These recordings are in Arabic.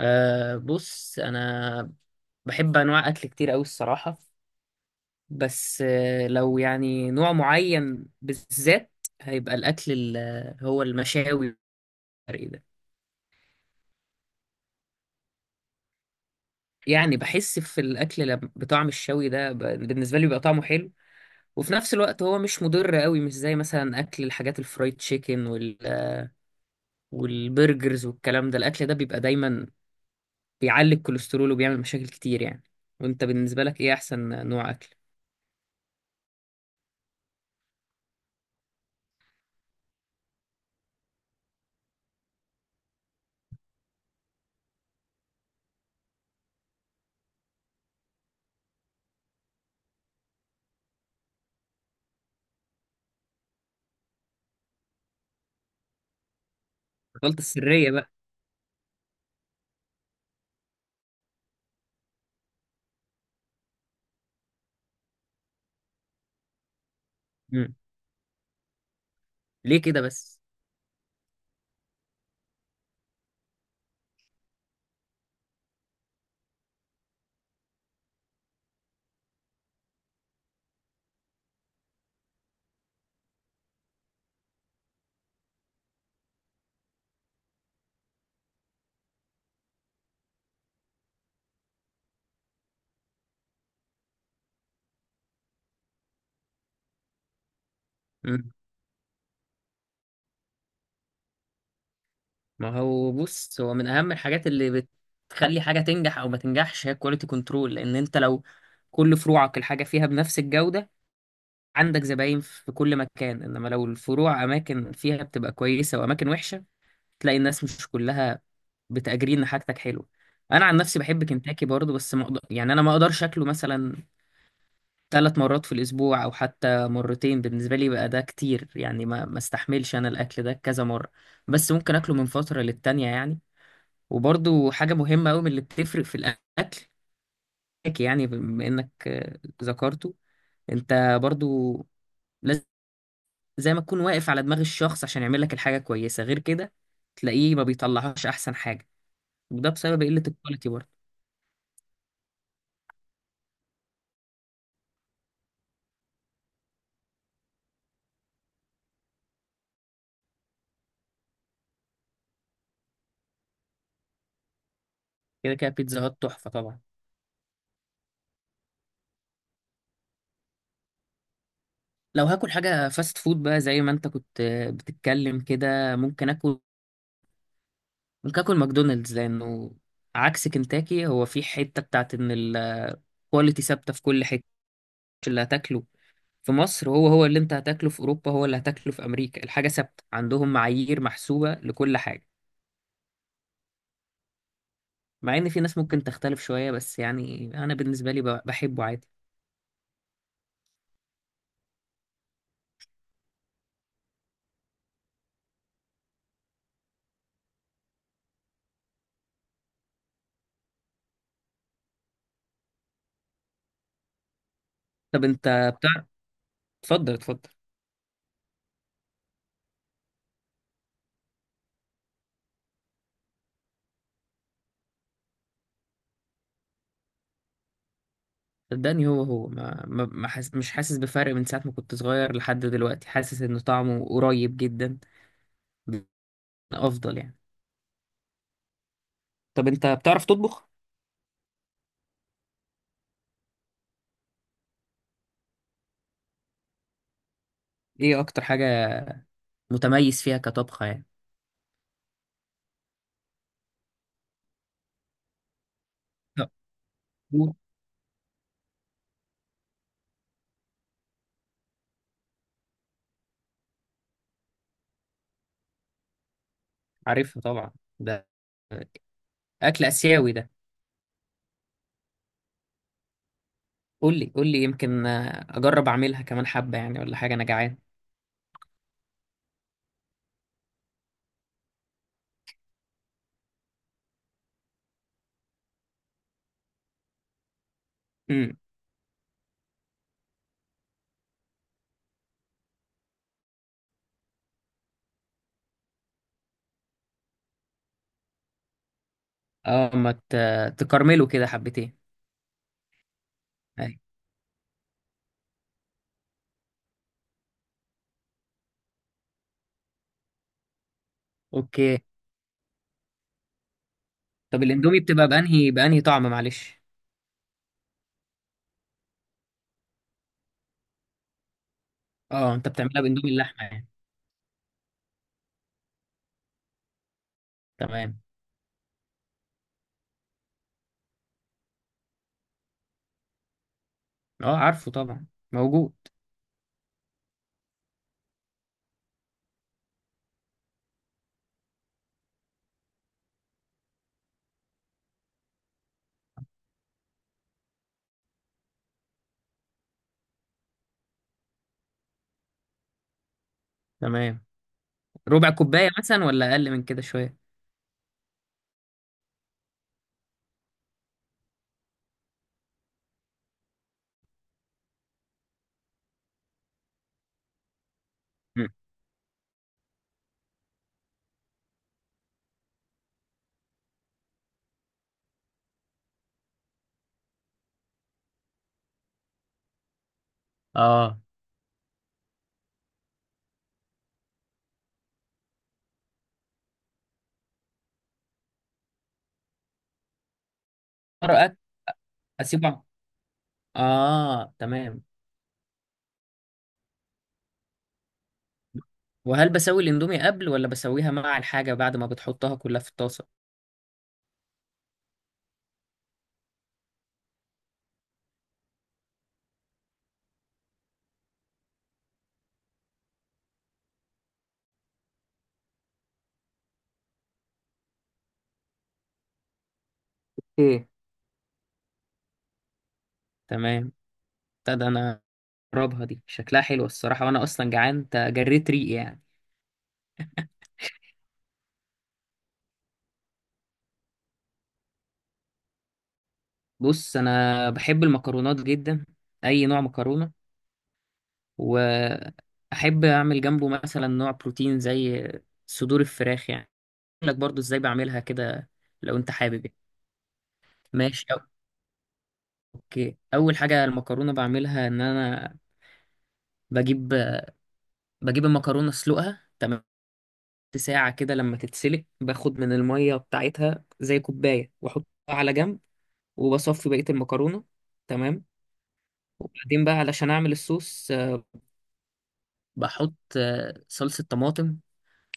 أه، بص انا بحب انواع اكل كتير قوي الصراحه. بس لو يعني نوع معين بالذات هيبقى الاكل هو المشاوي والحرق ده. يعني بحس في الاكل بطعم الشوي ده بالنسبه لي بيبقى طعمه حلو، وفي نفس الوقت هو مش مضر قوي، مش زي مثلا اكل الحاجات الفرايد تشيكن والبرجرز والكلام ده. الاكل ده بيبقى دايما بيعلي الكوليسترول وبيعمل مشاكل كتير يعني. وانت بالنسبه لك ايه احسن نوع اكل؟ الخلطه السريه بقى. ليه كده بس؟ مم. ما هو بص، هو من اهم الحاجات اللي بتخلي حاجه تنجح او ما تنجحش هي كواليتي كنترول. لان انت لو كل فروعك الحاجه فيها بنفس الجوده، عندك زباين في كل مكان، انما لو الفروع اماكن فيها بتبقى كويسه واماكن وحشه، تلاقي الناس مش كلها بتأجري ان حاجتك حلوه. انا عن نفسي بحب كنتاكي برضه، بس ما أقدر- يعني انا ما اقدرش اكله مثلا 3 مرات في الأسبوع أو حتى مرتين. بالنسبة لي بقى ده كتير يعني، ما استحملش أنا الأكل ده كذا مرة. بس ممكن أكله من فترة للتانية يعني. وبرضو حاجة مهمة أوي من اللي بتفرق في الأكل، يعني بما إنك ذكرته، أنت برضو لازم زي ما تكون واقف على دماغ الشخص عشان يعمل لك الحاجة كويسة، غير كده تلاقيه ما بيطلعهاش أحسن حاجة، وده بسبب قلة الكواليتي برضو. كده كده بيتزا هات تحفة طبعا. لو هاكل حاجة فاست فود بقى، زي ما انت كنت بتتكلم كده، ممكن اكل كاكل ماكدونالدز، لانه عكس كنتاكي هو في حته بتاعت ان الكواليتي ثابته في كل حته اللي هتاكله. في مصر هو هو اللي انت هتاكله في اوروبا هو اللي هتاكله في امريكا، الحاجه ثابته عندهم، معايير محسوبه لكل حاجه. مع ان في ناس ممكن تختلف شويه، بس يعني انا بالنسبه لي بحبه عادي. طب انت بتاع... اتفضل اتفضل. صدقني هو هو ما مش حاسس بفرق من ساعه ما كنت صغير لحد دلوقتي، حاسس ان طعمه قريب جدا افضل يعني. طب انت بتعرف تطبخ؟ ايه اكتر حاجه متميز فيها كطبخة يعني؟ لا، عارفها طبعا، ده اكل اسيوي ده. قول لي قول لي يمكن، اجرب اعملها كمان حبه يعني، ولا حاجه انا جعان. امم. اه، ما تكرمله كده حبتين. أيوة. اوكي. طب الاندومي بتبقى بانهي طعم معلش؟ اه، انت بتعملها باندومي اللحمه يعني؟ تمام. اه، عارفه طبعا، موجود. تمام. ربع كوبايه مثلا ولا اقل من كده شويه؟ مم. اه، مرة أك- اسيبه، اه تمام. وهل بسوي الاندومي قبل ولا بسويها مع الحاجة بعد ما بتحطها كلها في الطاسة؟ ايه؟ تمام. ده انا اجربها دي، شكلها حلو الصراحة، وانا اصلا جعان، انت جريت ريقي يعني. بص انا بحب المكرونات جدا، اي نوع مكرونة، واحب اعمل جنبه مثلا نوع بروتين زي صدور الفراخ يعني. اقول لك برضو ازاي بعملها كده لو انت حابب يعني. ماشي. اوكي، اول حاجة المكرونة بعملها ان انا بجيب بجيب المكرونة اسلقها تمام ساعة كده. لما تتسلق باخد من المية بتاعتها زي كوباية وأحطها على جنب، وبصفي بقية المكرونة، تمام. وبعدين بقى علشان أعمل الصوص بحط صلصة طماطم،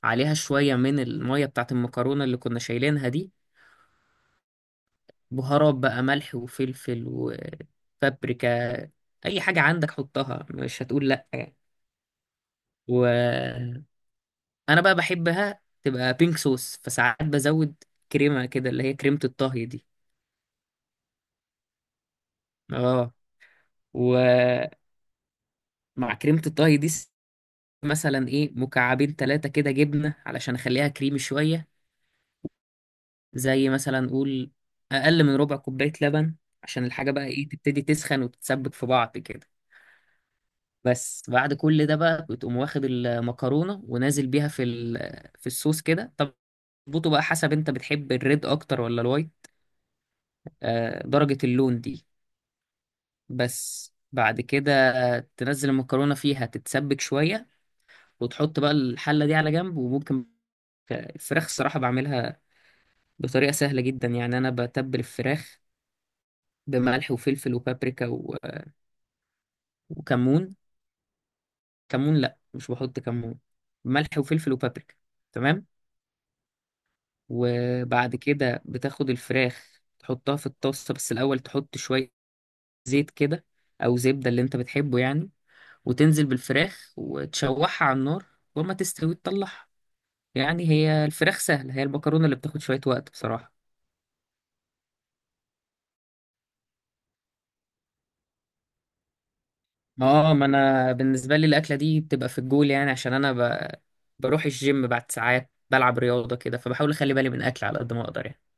عليها شوية من المية بتاعت المكرونة اللي كنا شايلينها دي، بهارات بقى ملح وفلفل وبابريكا. أي حاجة عندك حطها، مش هتقول لأ يعني. وأنا بقى بحبها تبقى بينك صوص، فساعات بزود كريمة كده اللي هي كريمة الطهي دي. اه، و مع كريمة الطهي دي مثلا ايه مكعبين ثلاثة كده جبنة علشان اخليها كريمي شوية، زي مثلا قول اقل من ربع كوباية لبن، عشان الحاجة بقى ايه تبتدي تسخن وتتسبك في بعض كده. بس بعد كل ده بقى بتقوم واخد المكرونة ونازل بيها في في الصوص كده، تظبطه بقى حسب انت بتحب الريد اكتر ولا الوايت، درجة اللون دي. بس بعد كده تنزل المكرونة فيها تتسبك شوية، وتحط بقى الحلة دي على جنب. وممكن الفراخ الصراحة بعملها بطريقة سهلة جدا يعني. أنا بتبل الفراخ بملح وفلفل وبابريكا وكمون. كمون لأ، مش بحط كمون، ملح وفلفل وبابريكا، تمام. وبعد كده بتاخد الفراخ تحطها في الطاسة، بس الأول تحط شوية زيت كده أو زبدة اللي أنت بتحبه يعني، وتنزل بالفراخ وتشوحها على النار، وما تستوي تطلعها. يعني هي الفراخ سهلة، هي المكرونة اللي بتاخد شوية وقت بصراحة. اه، ما انا بالنسبه لي الاكله دي بتبقى في الجول يعني، عشان انا ب... بروح الجيم بعد ساعات بلعب رياضه كده، فبحاول اخلي بالي من الاكل على قد ما اقدر يعني.